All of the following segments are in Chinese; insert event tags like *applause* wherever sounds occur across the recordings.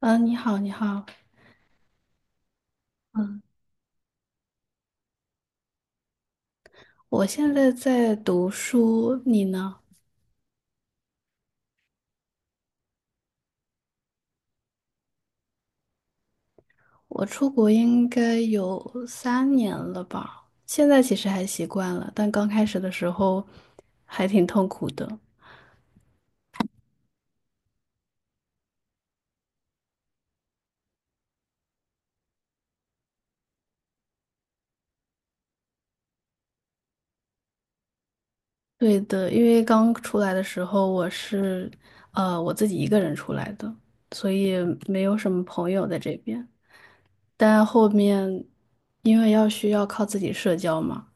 嗯，你好，你好。嗯，我现在在读书，你呢？我出国应该有3年了吧，现在其实还习惯了，但刚开始的时候还挺痛苦的。对的，因为刚出来的时候我是，我自己一个人出来的，所以没有什么朋友在这边。但后面因为需要靠自己社交嘛，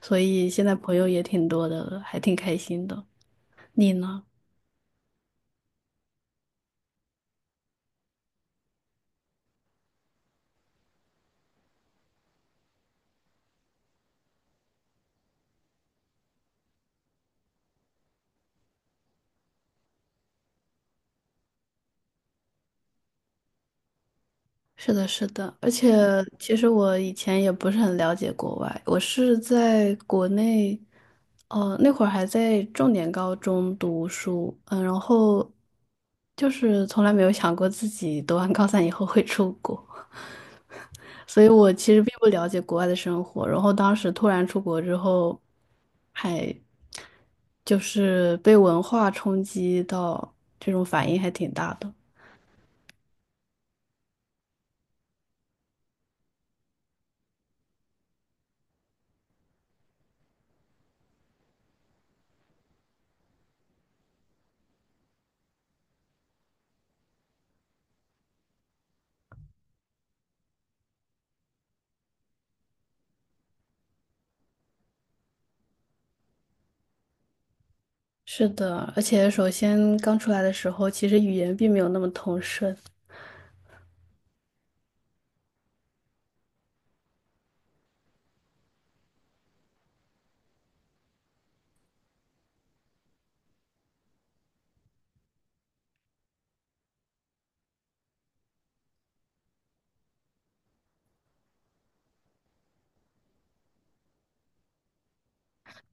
所以现在朋友也挺多的了，还挺开心的。你呢？是的，是的。而且其实我以前也不是很了解国外，我是在国内，那会儿还在重点高中读书，嗯，然后就是从来没有想过自己读完高三以后会出国，所以我其实并不了解国外的生活，然后当时突然出国之后，还就是被文化冲击到，这种反应还挺大的。是的，而且首先刚出来的时候，其实语言并没有那么通顺。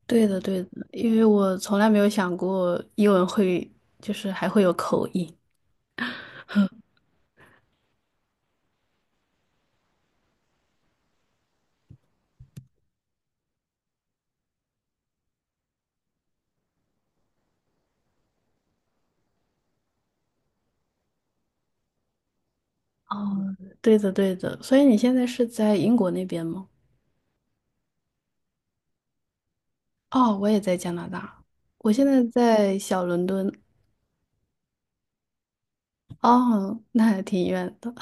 对的，对的，因为我从来没有想过英文会，就是还会有口音。哦，对的，对的。所以你现在是在英国那边吗？哦，我也在加拿大，我现在在小伦敦。哦，那还挺远的。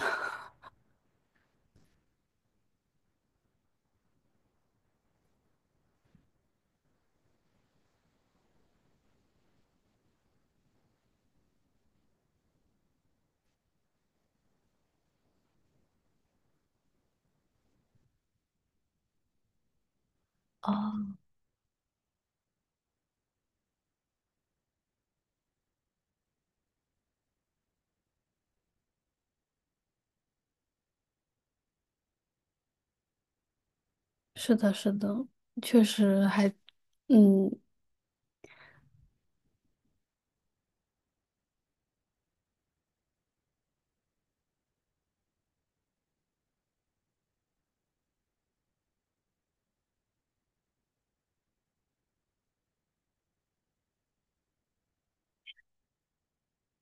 哦，是的，是的，确实还，嗯，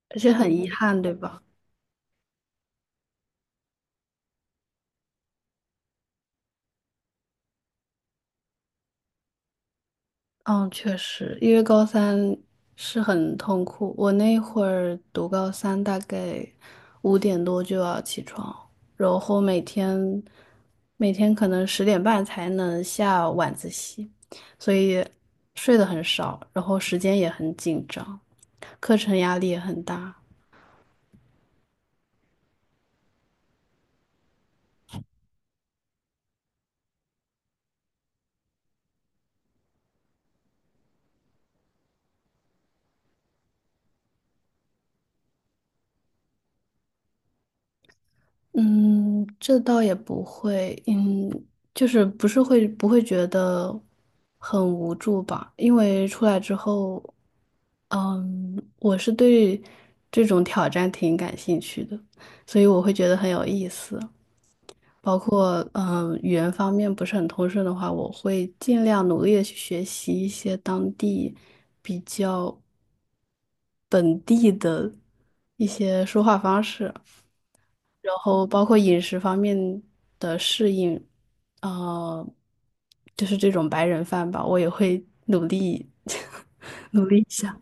而且很遗憾，对吧？嗯，确实，因为高三是很痛苦。我那会儿读高三，大概5点多就要起床，然后每天可能10点半才能下晚自习，所以睡得很少，然后时间也很紧张，课程压力也很大。嗯，这倒也不会。嗯，就是不是会不会觉得很无助吧？因为出来之后。我是对这种挑战挺感兴趣的，所以我会觉得很有意思。包括语言方面不是很通顺的话，我会尽量努力的去学习一些当地比较本地的一些说话方式。然后包括饮食方面的适应，呃，就是这种白人饭吧，我也会努力 *laughs* 努力一下。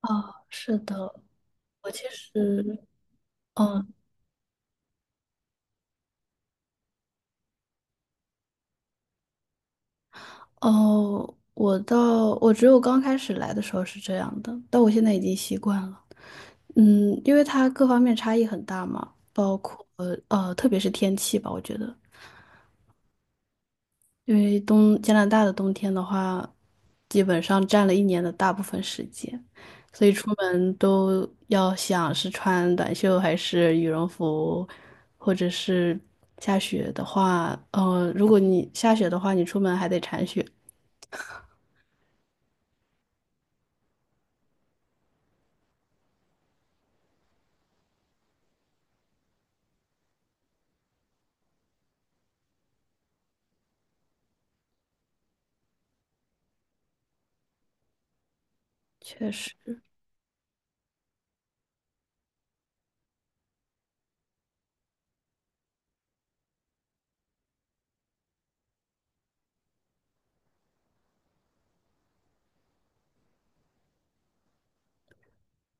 哦，是的。我其实，哦，我只有刚开始来的时候是这样的，但我现在已经习惯了。嗯，因为它各方面差异很大嘛，包括特别是天气吧，我觉得，因为加拿大的冬天的话，基本上占了一年的大部分时间，所以出门都要想是穿短袖还是羽绒服，或者是下雪的话，如果你下雪的话，你出门还得铲雪。确实，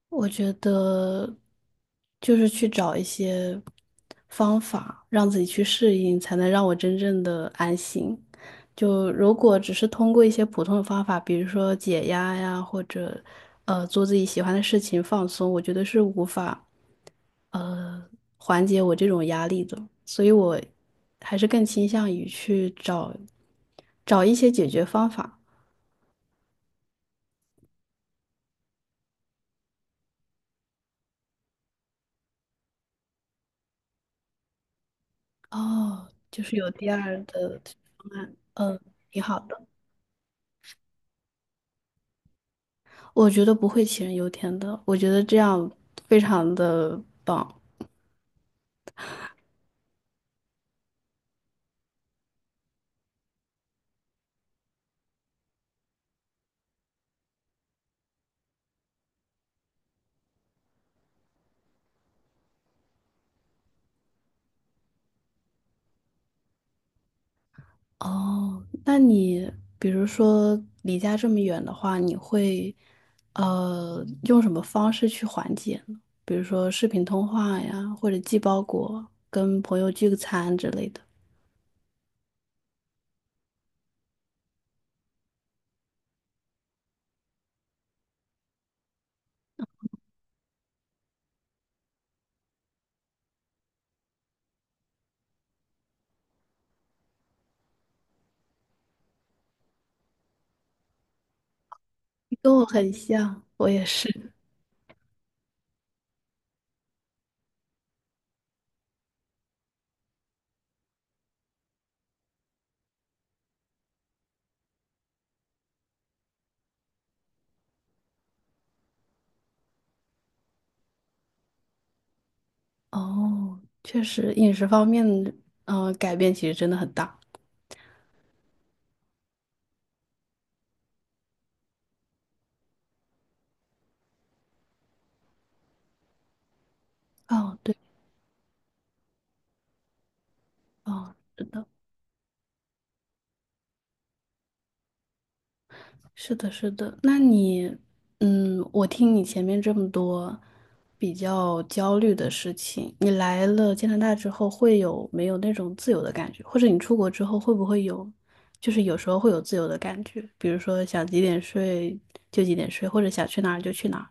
我觉得就是去找一些方法，让自己去适应，才能让我真正的安心。就如果只是通过一些普通的方法，比如说解压呀，或者做自己喜欢的事情放松，我觉得是无法呃缓解我这种压力的。所以我还是更倾向于去找一些解决方法。哦，就是有第二的方案，嗯，挺好的。我觉得不会杞人忧天的，我觉得这样非常的棒。哦，那你比如说离家这么远的话，你会用什么方式去缓解呢？比如说视频通话呀，或者寄包裹、跟朋友聚个餐之类的。你跟我很像，我也是。哦，确实饮食方面，嗯，改变其实真的很大。哦，对，哦，是的。是的，是的。那你，嗯，我听你前面这么多比较焦虑的事情，你来了加拿大之后会有没有那种自由的感觉？或者你出国之后会不会有，就是有时候会有自由的感觉，比如说想几点睡就几点睡，或者想去哪儿就去哪儿。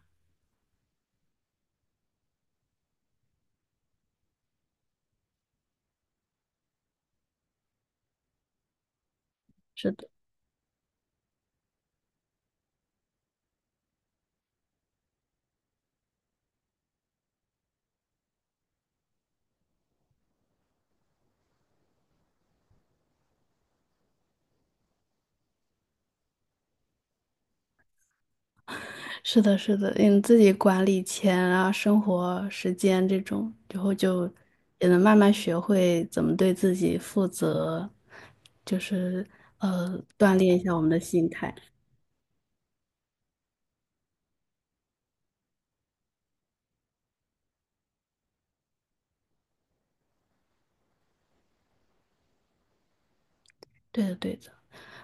是的，是的，你自己管理钱啊、生活时间这种，然后就也能慢慢学会怎么对自己负责，就是锻炼一下我们的心态。对的，对的。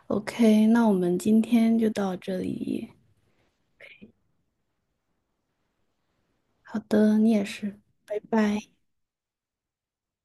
OK，那我们今天就到这里。好的，你也是，拜拜。